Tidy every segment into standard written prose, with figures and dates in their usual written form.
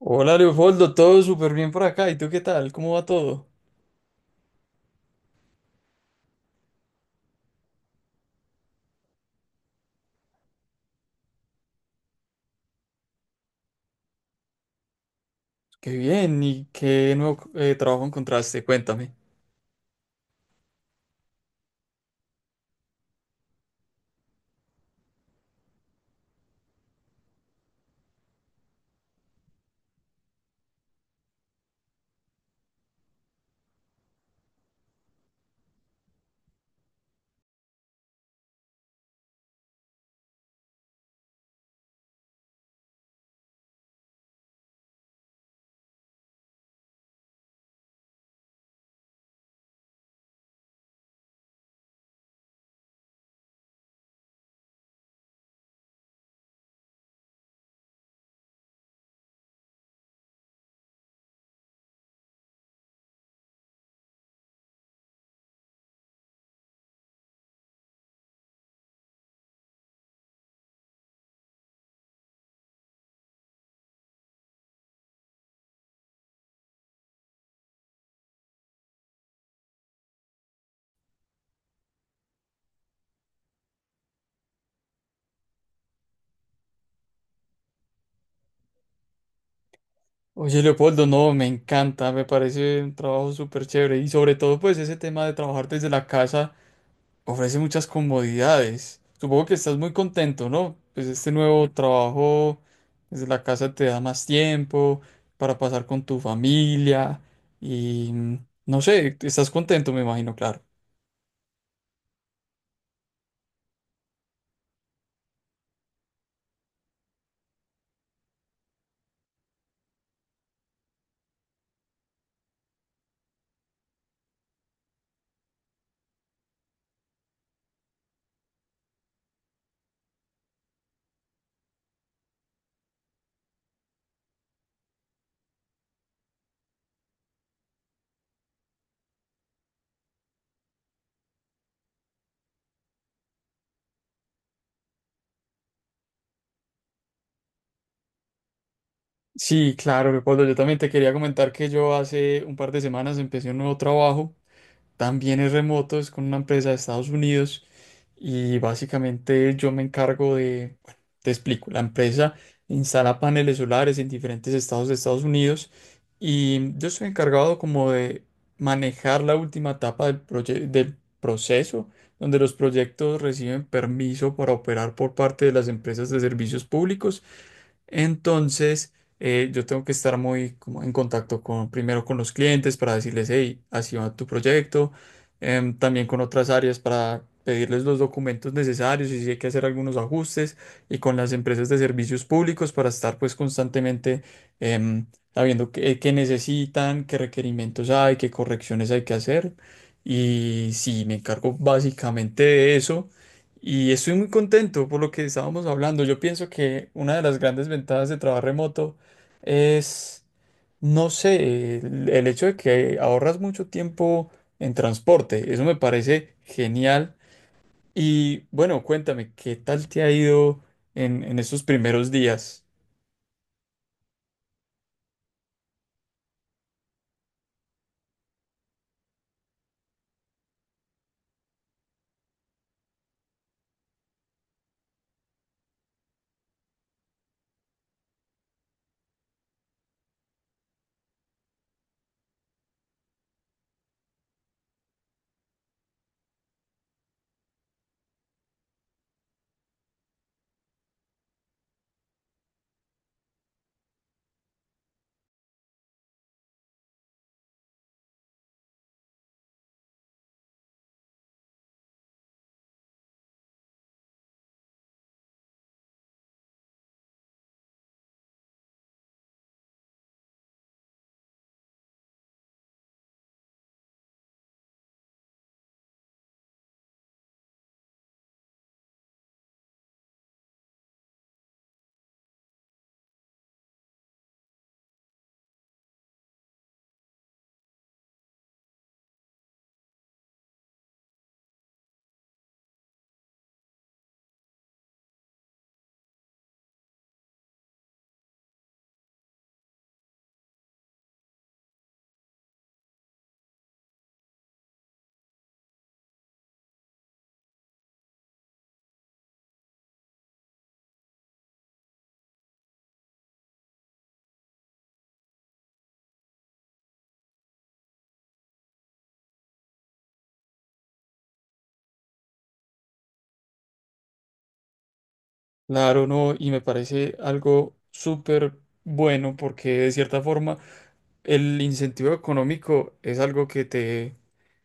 Hola Leopoldo, todo súper bien por acá. ¿Y tú qué tal? ¿Cómo va todo? Qué bien. ¿Y qué nuevo trabajo encontraste? Cuéntame. Oye Leopoldo, no, me encanta, me parece un trabajo súper chévere y sobre todo pues ese tema de trabajar desde la casa ofrece muchas comodidades. Supongo que estás muy contento, ¿no? Pues este nuevo trabajo desde la casa te da más tiempo para pasar con tu familia y no sé, estás contento, me imagino, claro. Sí, claro, Leopoldo. Yo también te quería comentar que yo hace un par de semanas empecé un nuevo trabajo. También es remoto, es con una empresa de Estados Unidos. Y básicamente yo me encargo de, bueno, te explico, la empresa instala paneles solares en diferentes estados de Estados Unidos. Y yo estoy encargado como de manejar la última etapa del proceso, donde los proyectos reciben permiso para operar por parte de las empresas de servicios públicos. Entonces, yo tengo que estar muy como en contacto con, primero con los clientes para decirles, hey, así va tu proyecto, también con otras áreas para pedirles los documentos necesarios y si hay que hacer algunos ajustes y con las empresas de servicios públicos para estar pues constantemente em, sabiendo qué, qué necesitan, qué requerimientos hay, qué correcciones hay que hacer. Y sí, me encargo básicamente de eso. Y estoy muy contento por lo que estábamos hablando. Yo pienso que una de las grandes ventajas de trabajar remoto es, no sé, el hecho de que ahorras mucho tiempo en transporte. Eso me parece genial. Y bueno, cuéntame, ¿qué tal te ha ido en estos primeros días? Claro, no, y me parece algo súper bueno porque de cierta forma el incentivo económico es algo que te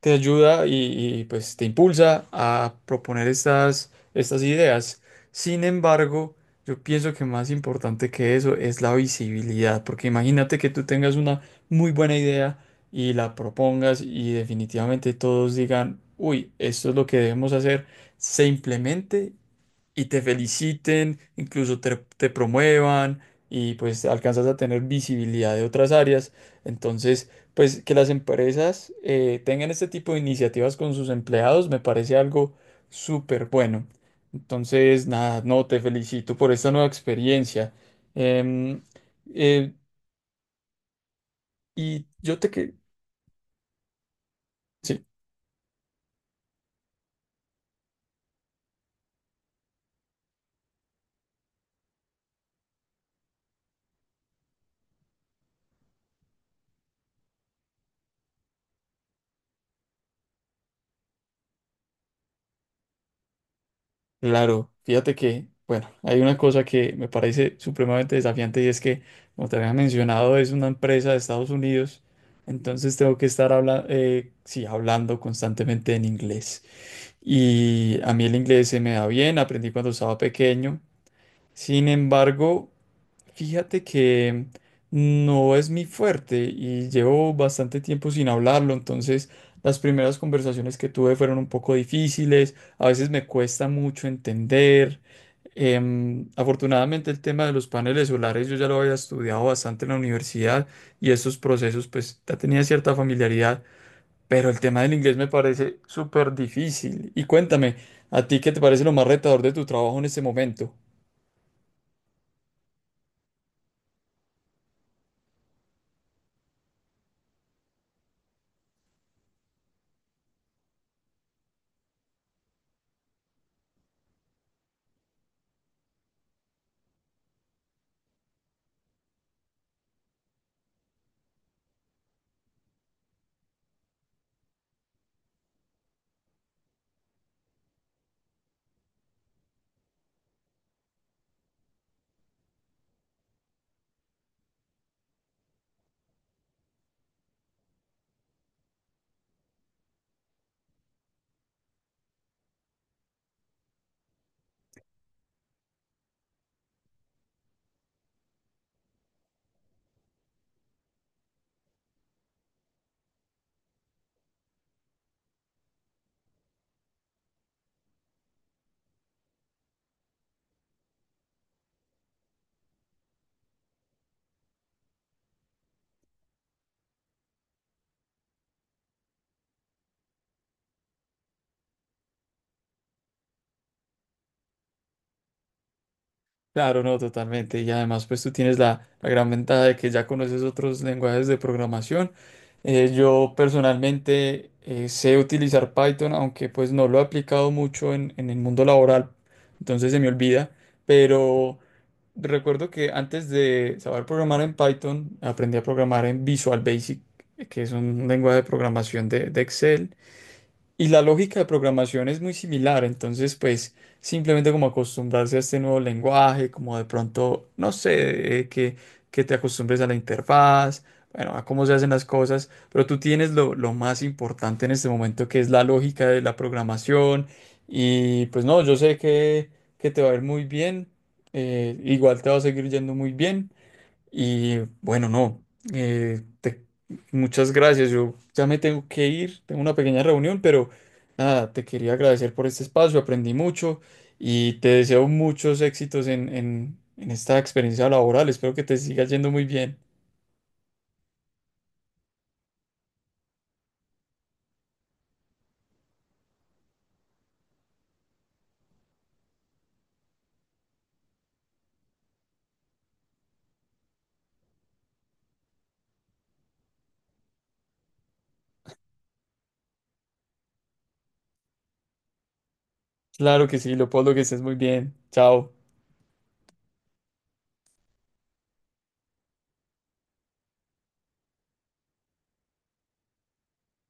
te ayuda y, pues te impulsa a proponer estas, estas ideas. Sin embargo, yo pienso que más importante que eso es la visibilidad, porque imagínate que tú tengas una muy buena idea y la propongas y definitivamente todos digan, uy, esto es lo que debemos hacer, se implemente y te feliciten, incluso te, te promuevan y pues alcanzas a tener visibilidad de otras áreas. Entonces, pues que las empresas tengan este tipo de iniciativas con sus empleados me parece algo súper bueno. Entonces, nada, no, te felicito por esta nueva experiencia. Em, eh, y yo te que... sí. Claro, fíjate que, bueno, hay una cosa que me parece supremamente desafiante y es que, como te había mencionado, es una empresa de Estados Unidos, entonces tengo que estar habla sí, hablando constantemente en inglés. Y a mí el inglés se me da bien, aprendí cuando estaba pequeño. Sin embargo, fíjate que no es mi fuerte y llevo bastante tiempo sin hablarlo, entonces las primeras conversaciones que tuve fueron un poco difíciles, a veces me cuesta mucho entender. Afortunadamente el tema de los paneles solares yo ya lo había estudiado bastante en la universidad y estos procesos pues ya tenía cierta familiaridad, pero el tema del inglés me parece súper difícil. Y cuéntame, ¿a ti qué te parece lo más retador de tu trabajo en este momento? Claro, no, totalmente. Y además, pues tú tienes la gran ventaja de que ya conoces otros lenguajes de programación. Yo personalmente sé utilizar Python, aunque pues no lo he aplicado mucho en el mundo laboral, entonces se me olvida. Pero recuerdo que antes de saber programar en Python, aprendí a programar en Visual Basic, que es un lenguaje de programación de Excel. Y la lógica de programación es muy similar, entonces pues simplemente como acostumbrarse a este nuevo lenguaje, como de pronto, no sé, que te acostumbres a la interfaz, bueno, a cómo se hacen las cosas, pero tú tienes lo más importante en este momento que es la lógica de la programación y pues no, yo sé que te va a ir muy bien, igual te va a seguir yendo muy bien y bueno, no, eh, te- muchas gracias. Yo ya me tengo que ir, tengo una pequeña reunión, pero nada, te quería agradecer por este espacio, aprendí mucho y te deseo muchos éxitos en esta experiencia laboral. Espero que te siga yendo muy bien. Claro que sí, Leopoldo, que estés muy bien. Chao.